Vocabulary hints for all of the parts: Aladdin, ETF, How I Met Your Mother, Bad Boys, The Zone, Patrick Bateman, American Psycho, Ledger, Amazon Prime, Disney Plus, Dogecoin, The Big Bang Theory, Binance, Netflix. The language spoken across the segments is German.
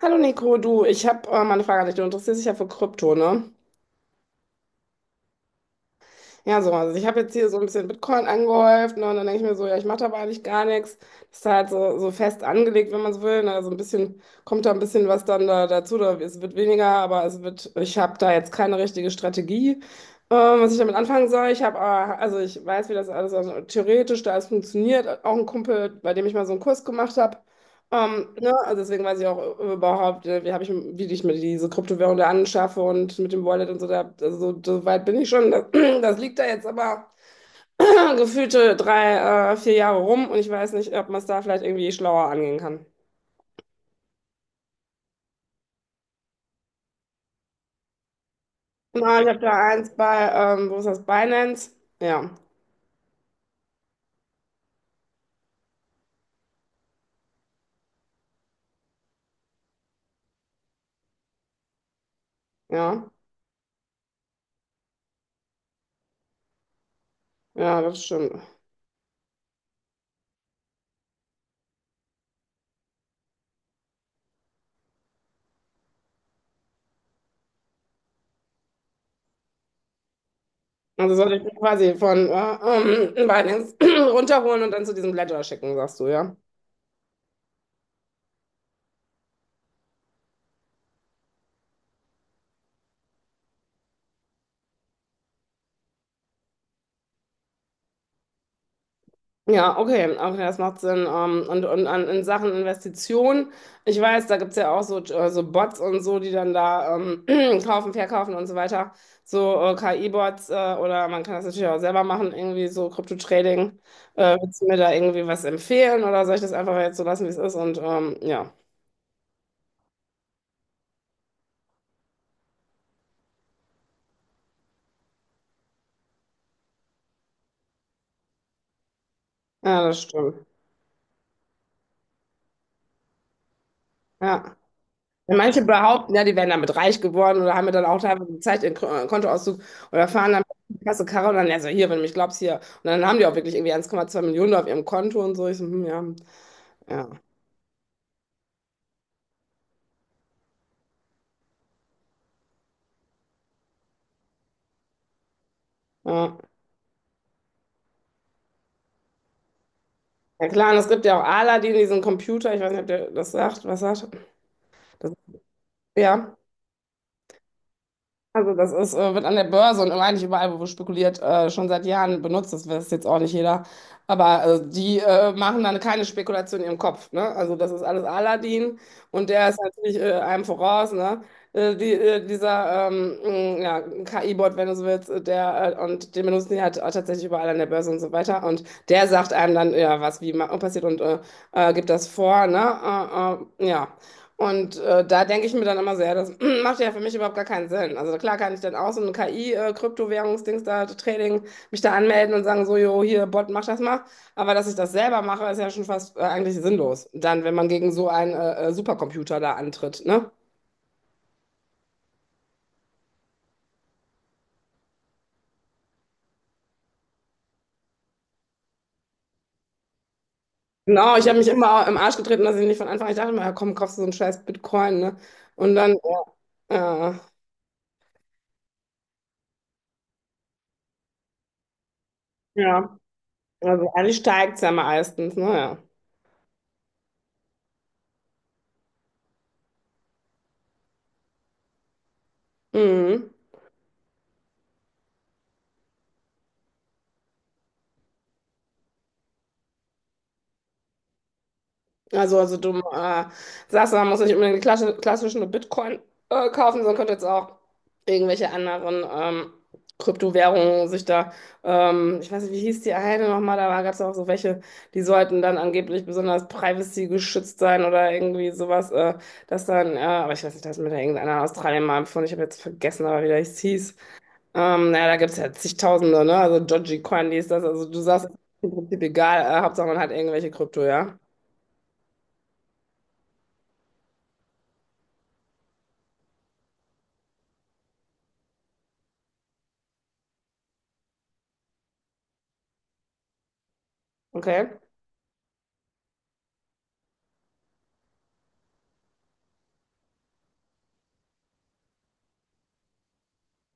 Hallo Nico, du, ich habe mal eine Frage an dich. Du interessierst dich ja für Krypto, ne? Ja, so, also ich habe jetzt hier so ein bisschen Bitcoin angehäuft, ne? Und dann denke ich mir so, ja, ich mache da eigentlich gar nichts. Das ist halt so fest angelegt, wenn man so will. Ne? Also ein bisschen, kommt da ein bisschen was dann da, dazu. Oder es wird weniger, aber es wird, ich habe da jetzt keine richtige Strategie, was ich damit anfangen soll. Ich habe, also ich weiß, wie das alles also theoretisch da alles funktioniert. Auch ein Kumpel, bei dem ich mal so einen Kurs gemacht habe. Ne, also deswegen weiß ich auch überhaupt, wie ich mir diese Kryptowährung da anschaffe und mit dem Wallet und so, da, also so weit bin ich schon. Das, das liegt da jetzt aber gefühlte drei, vier Jahre rum und ich weiß nicht, ob man es da vielleicht irgendwie schlauer angehen kann. Na, ich habe da eins bei, wo ist das, Binance? Ja, ja, ja, das stimmt. Also sollte ich quasi von Binance runterholen und dann zu diesem Ledger schicken, sagst du, ja? Ja, okay, okay, das macht Sinn. Und in Sachen Investitionen, ich weiß, da gibt's ja auch so, so Bots und so, die dann da kaufen, verkaufen und so weiter. So KI-Bots oder man kann das natürlich auch selber machen, irgendwie so Krypto-Trading. Willst du mir da irgendwie was empfehlen oder soll ich das einfach jetzt so lassen, wie es ist? Und ja, ja, das stimmt. Ja. Wenn manche behaupten, ja, die wären damit reich geworden oder haben mir dann auch teilweise gezeigt, ihren Kontoauszug oder fahren dann mit der Kasse Karre und dann, ja, so hier, wenn du mich glaubst, hier. Und dann haben die auch wirklich irgendwie 1,2 Millionen auf ihrem Konto und so. Ich so, hm, ja, ja, ja. Ja klar, und es gibt ja auch Aladdin, diesen Computer, ich weiß nicht, ob was sagt. Das, ja. Also das ist, wird an der Börse und eigentlich überall, wo spekuliert, schon seit Jahren benutzt. Das weiß jetzt auch nicht jeder. Aber die machen dann keine Spekulation in ihrem Kopf. Ne? Also das ist alles Aladdin und der ist natürlich einem voraus. Ne? Ja, KI-Bot, wenn du so willst, und den benutzen die halt auch tatsächlich überall an der Börse und so weiter. Und der sagt einem dann, ja, was passiert und gibt das vor. Ne? Ja. Und da denke ich mir dann immer sehr, das macht ja für mich überhaupt gar keinen Sinn. Also klar kann ich dann auch so ein KI-Kryptowährungsdings da Trading mich da anmelden und sagen, so, jo, hier, Bot, mach das mal. Aber dass ich das selber mache, ist ja schon fast eigentlich sinnlos. Dann, wenn man gegen so einen Supercomputer da antritt, ne? Genau, ich habe mich immer im Arsch getreten, dass ich nicht von Anfang an, ich dachte immer, ja, komm, kaufst du so einen scheiß Bitcoin, ne? Und dann, äh, ja, also eigentlich steigt es ja meistens, naja. Mhm. Also du sagst, man muss nicht unbedingt die klassischen nur Bitcoin kaufen, sondern könnte jetzt auch irgendwelche anderen Kryptowährungen sich da, ich weiß nicht, wie hieß die eine nochmal, da gab es auch so welche, die sollten dann angeblich besonders privacy geschützt sein oder irgendwie sowas, dass dann, aber ich weiß nicht, das hat mir da irgendeiner aus Australien mal empfohlen, ich habe jetzt vergessen, aber wie das hieß. Naja, da gibt es ja zigtausende, ne? Also Dogecoin, die ist das, also du sagst, im Prinzip egal, Hauptsache man hat irgendwelche Krypto, ja? Okay.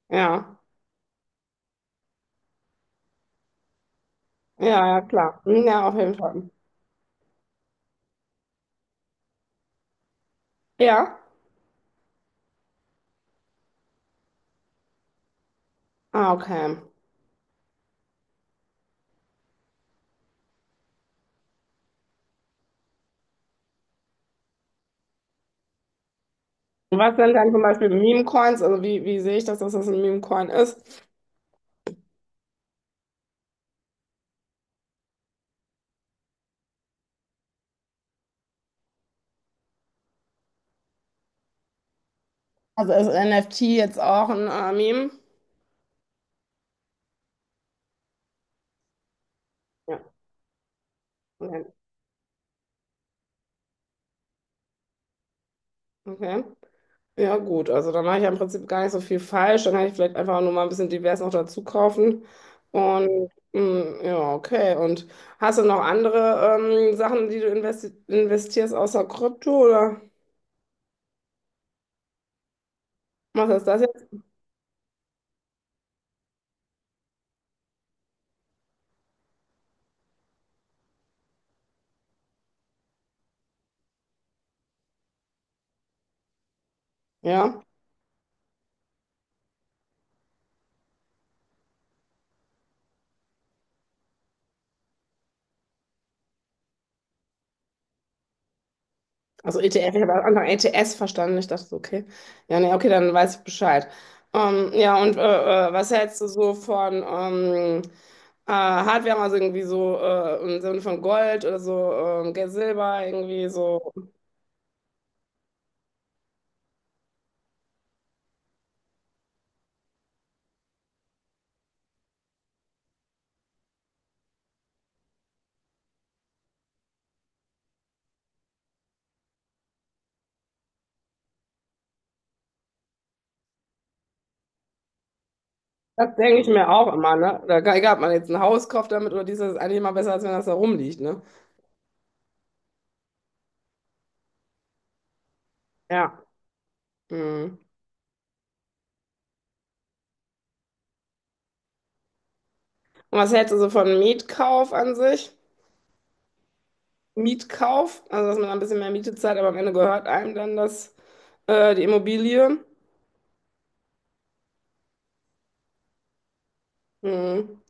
Ja, ja, ja, klar. Hm, ja, auf jeden Fall. Ja? Ah, okay. Und was sind dann zum Beispiel Meme-Coins? Also wie sehe ich das, dass das ein Meme-Coin ist? Also ist NFT jetzt auch ein Meme? Ja, okay. Okay. Ja, gut. Also dann mache ich ja im Prinzip gar nicht so viel falsch. Dann kann ich vielleicht einfach nur mal ein bisschen divers noch dazu kaufen. Und mm, ja, okay. Und hast du noch andere Sachen, die du investi investierst außer Krypto oder was ist das jetzt? Ja. Also ETF, ich habe am Anfang ETS verstanden. Ich dachte so, okay. Ja, nee, okay, dann weiß ich Bescheid. Ja, und was hältst du so von Hardware, also irgendwie so im Sinne von Gold oder so, Geld, Silber, irgendwie so. Das denke ich mir auch immer, ne? Oder gar- egal, ob man jetzt ein Haus kauft damit oder dieses, ist eigentlich immer besser, als wenn das da rumliegt, ne? Ja. Mhm. Und was hältst du so von Mietkauf an sich? Mietkauf, also dass man ein bisschen mehr Miete zahlt, aber am Ende gehört einem dann das, die Immobilie. Mhm.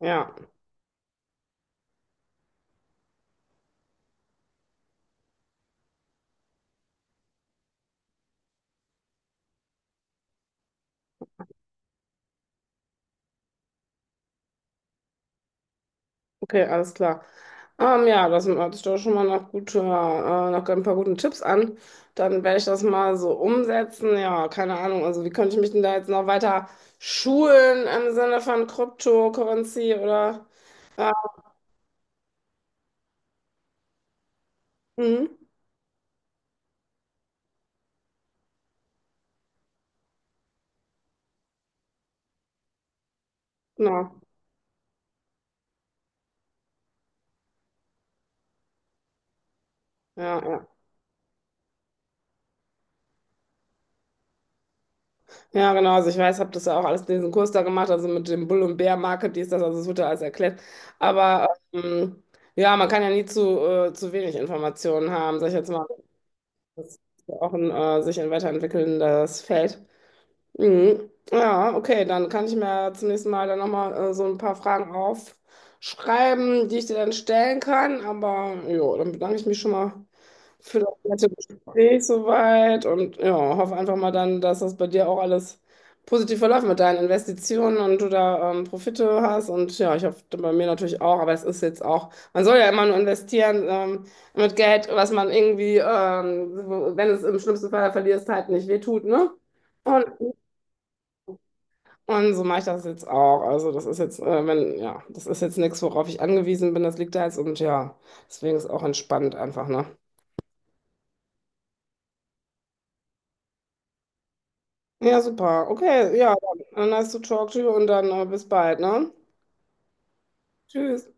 Ja, okay, alles klar. Ja, das hört sich doch schon mal nach guter, nach ein paar guten Tipps an. Dann werde ich das mal so umsetzen. Ja, keine Ahnung. Also, wie könnte ich mich denn da jetzt noch weiter schulen im Sinne von Cryptocurrency oder? Äh, mhm. Genau. Ja, ja. Ja, genau. Also ich weiß, habe das ja auch alles diesen Kurs da gemacht, also mit dem Bull- und Bear-Market, dies, das, also es wird ja alles erklärt. Aber ja, man kann ja nie zu wenig Informationen haben, sag ich jetzt mal. Das ist ja auch ein sich ein weiterentwickelndes Feld. Mhm. Ja, okay, dann kann ich mir zum nächsten Mal dann nochmal so ein paar Fragen aufschreiben, die ich dir dann stellen kann. Aber ja, dann bedanke ich mich schon mal für das nette Gespräch soweit und ja, hoffe einfach mal dann, dass das bei dir auch alles positiv verläuft mit deinen Investitionen und du da Profite hast. Und ja, ich hoffe bei mir natürlich auch, aber es ist jetzt auch, man soll ja immer nur investieren mit Geld, was man irgendwie, wenn es im schlimmsten Fall verlierst, halt nicht wehtut, ne? Und und so mache ich das jetzt auch. Also das ist jetzt, wenn, ja, das ist jetzt nichts, worauf ich angewiesen bin. Das liegt da jetzt und ja, deswegen ist auch entspannt einfach, ne? Ja, super. Okay, ja, dann nice to talk to you und dann bis bald, ne? Tschüss.